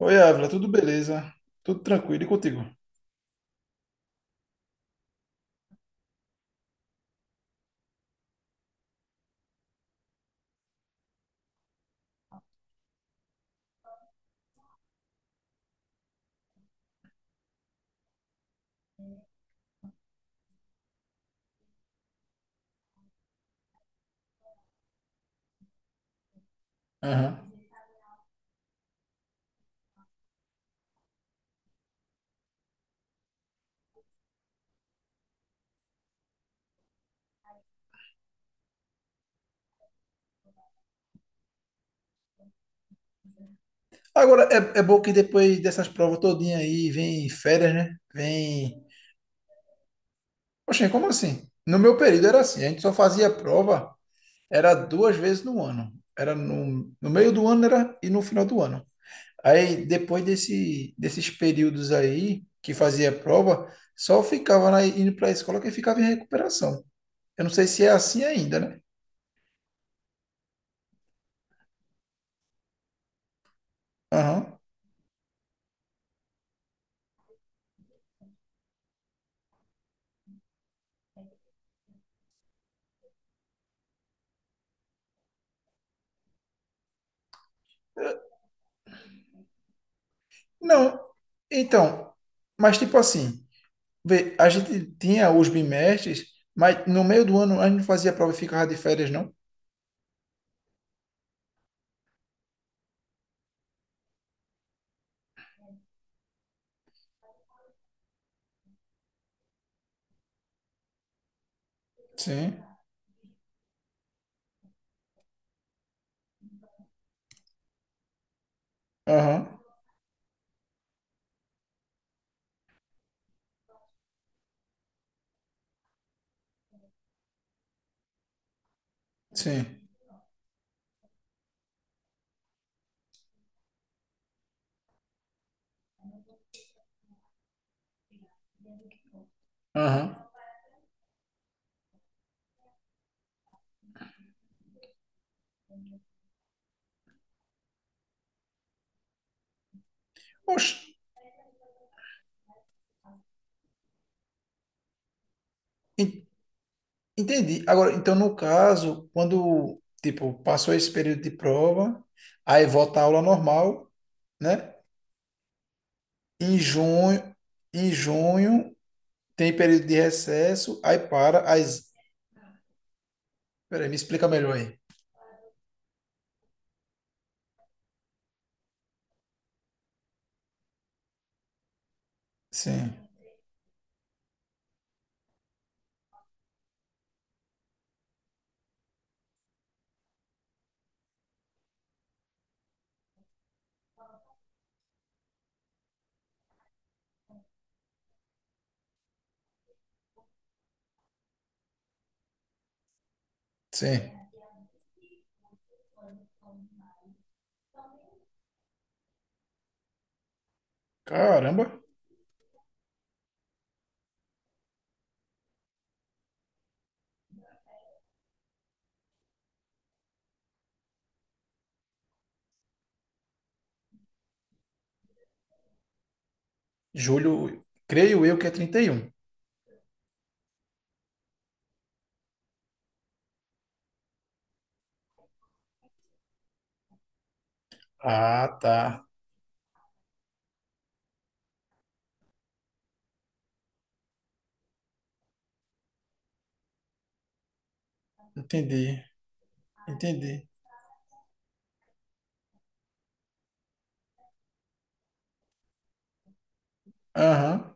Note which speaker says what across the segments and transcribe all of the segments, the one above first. Speaker 1: Oi, Ávila, tudo beleza? Tudo tranquilo e contigo? Aham. Agora, é bom que depois dessas provas todinha aí, vem férias, né? Vem. Poxa, como assim? No meu período era assim, a gente só fazia prova, era duas vezes no ano. Era no meio do ano era, e no final do ano. Aí, depois desses períodos aí, que fazia prova, só ficava indo para a escola que ficava em recuperação. Eu não sei se é assim ainda, né? Aham. Não, então, mas tipo assim. Vê, a gente tinha os bimestres, mas no meio do ano a gente não fazia prova e ficava de férias, não? Sim. Aham. Sim. Aham. Oxe, en- entendi. Agora, então, no caso, quando, tipo, passou esse período de prova, aí volta a aula normal, né? Em junho, em junho tem período de recesso, aí para as. Peraí, me explica melhor aí. Sim. Sim. Caramba. Julho, creio eu que é 31. Ah, tá. Entendi, entendi. Aham.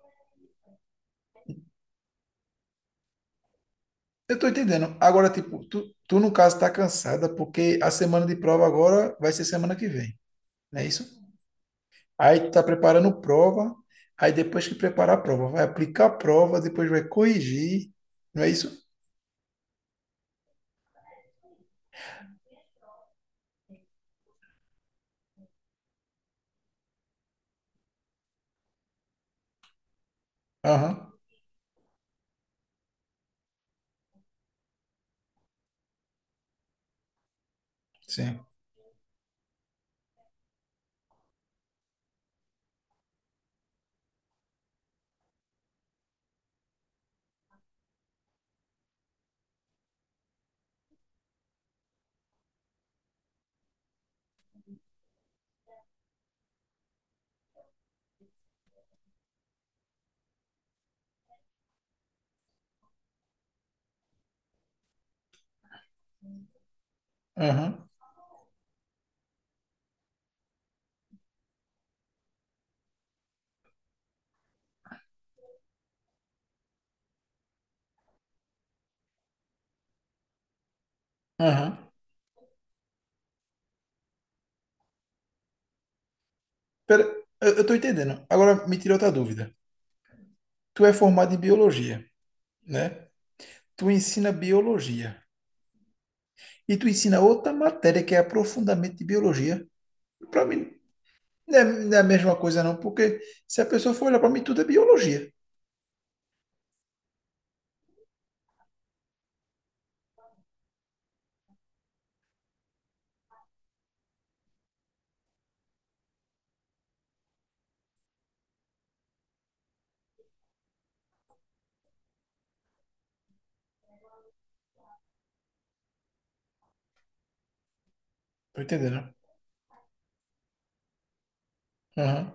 Speaker 1: Eu tô entendendo. Agora, tipo, tu no caso tá cansada porque a semana de prova agora vai ser semana que vem, não é isso? Aí tu tá preparando prova, aí depois que preparar a prova, vai aplicar a prova, depois vai corrigir, não é isso? Aham, sim. Aham, aham. Pera, eu tô entendendo. Agora me tira outra dúvida. Tu é formado em biologia, né? Tu ensina biologia. E tu ensina outra matéria que é aprofundamento de biologia. Para mim, não é, não é a mesma coisa, não, porque se a pessoa for olhar para mim, tudo é biologia. Tô entendendo. Aham.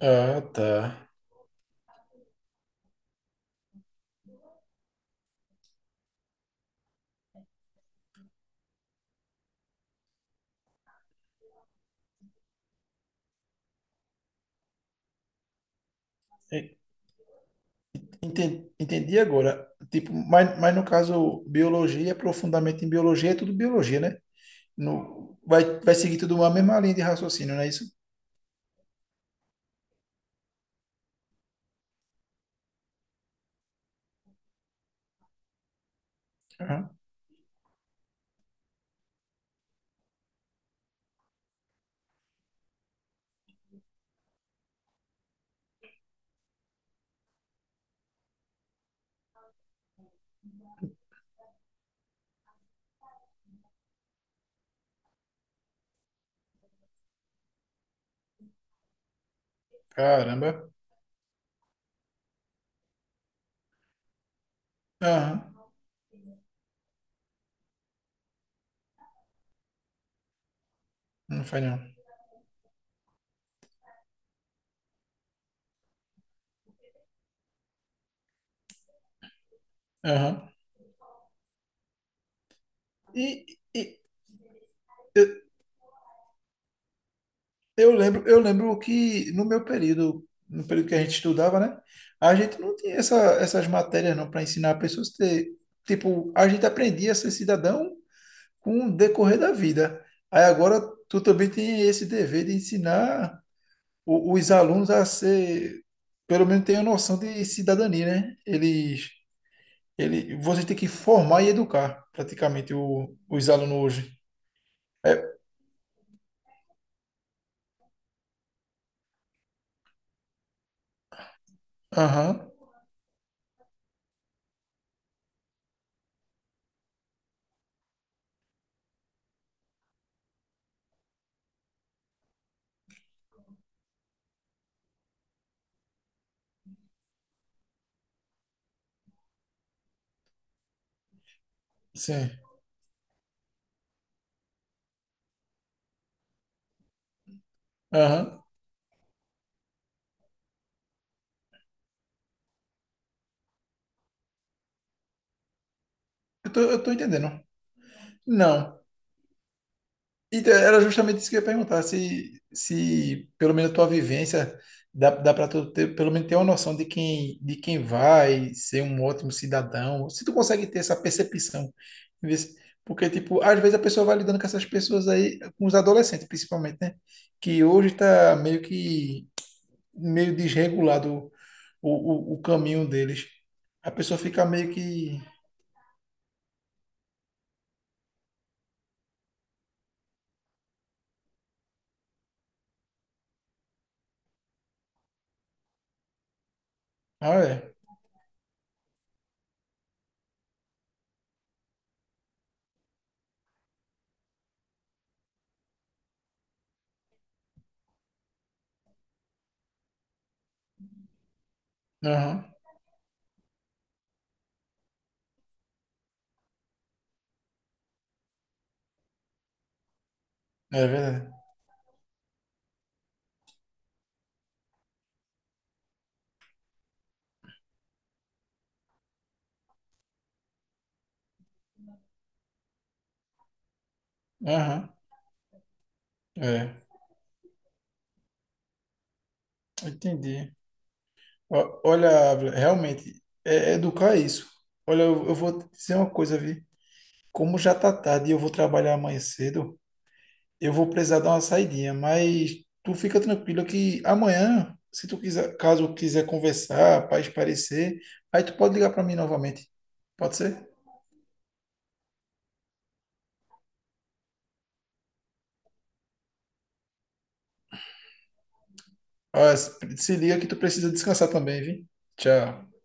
Speaker 1: Ah, tá. E- Entendi agora. Tipo, mas no caso, biologia, aprofundamento em biologia, é tudo biologia, né? No, vai, vai seguir tudo uma mesma linha de raciocínio, não é isso? Aham. Caramba. Aham. Não faz não. Aham. E, e eu, eu lembro que no meu período, no período que a gente estudava, né? A gente não tinha essas matérias não para ensinar pessoas a ter, tipo, a gente aprendia a ser cidadão com o decorrer da vida. Aí agora tu também tem esse dever de ensinar os alunos a ser, pelo menos ter a noção de cidadania, né? Você tem que formar e educar praticamente os alunos hoje. É, aham, sim, aham. Eu tô entendendo. Não. E era justamente isso que eu ia perguntar, se pelo menos a tua vivência dá para tu ter, pelo menos ter uma noção de quem, vai ser um ótimo cidadão, se tu consegue ter essa percepção. Vê. Porque, tipo, às vezes a pessoa vai lidando com essas pessoas aí, com os adolescentes principalmente, né? Que hoje tá meio que, meio desregulado o caminho deles. A pessoa fica meio que. Ah, é. Aham. É verdade. Aham. É, entendi. Olha, Ávila, realmente, é educar é isso. Olha, eu vou te dizer uma coisa, vi. Como já tá tarde e eu vou trabalhar amanhã cedo, eu vou precisar dar uma saidinha, mas tu fica tranquila que amanhã, se tu quiser, caso quiser conversar, para esparecer, aí tu pode ligar para mim novamente. Pode ser? Ah, se liga que tu precisa descansar também, vi. Tchau.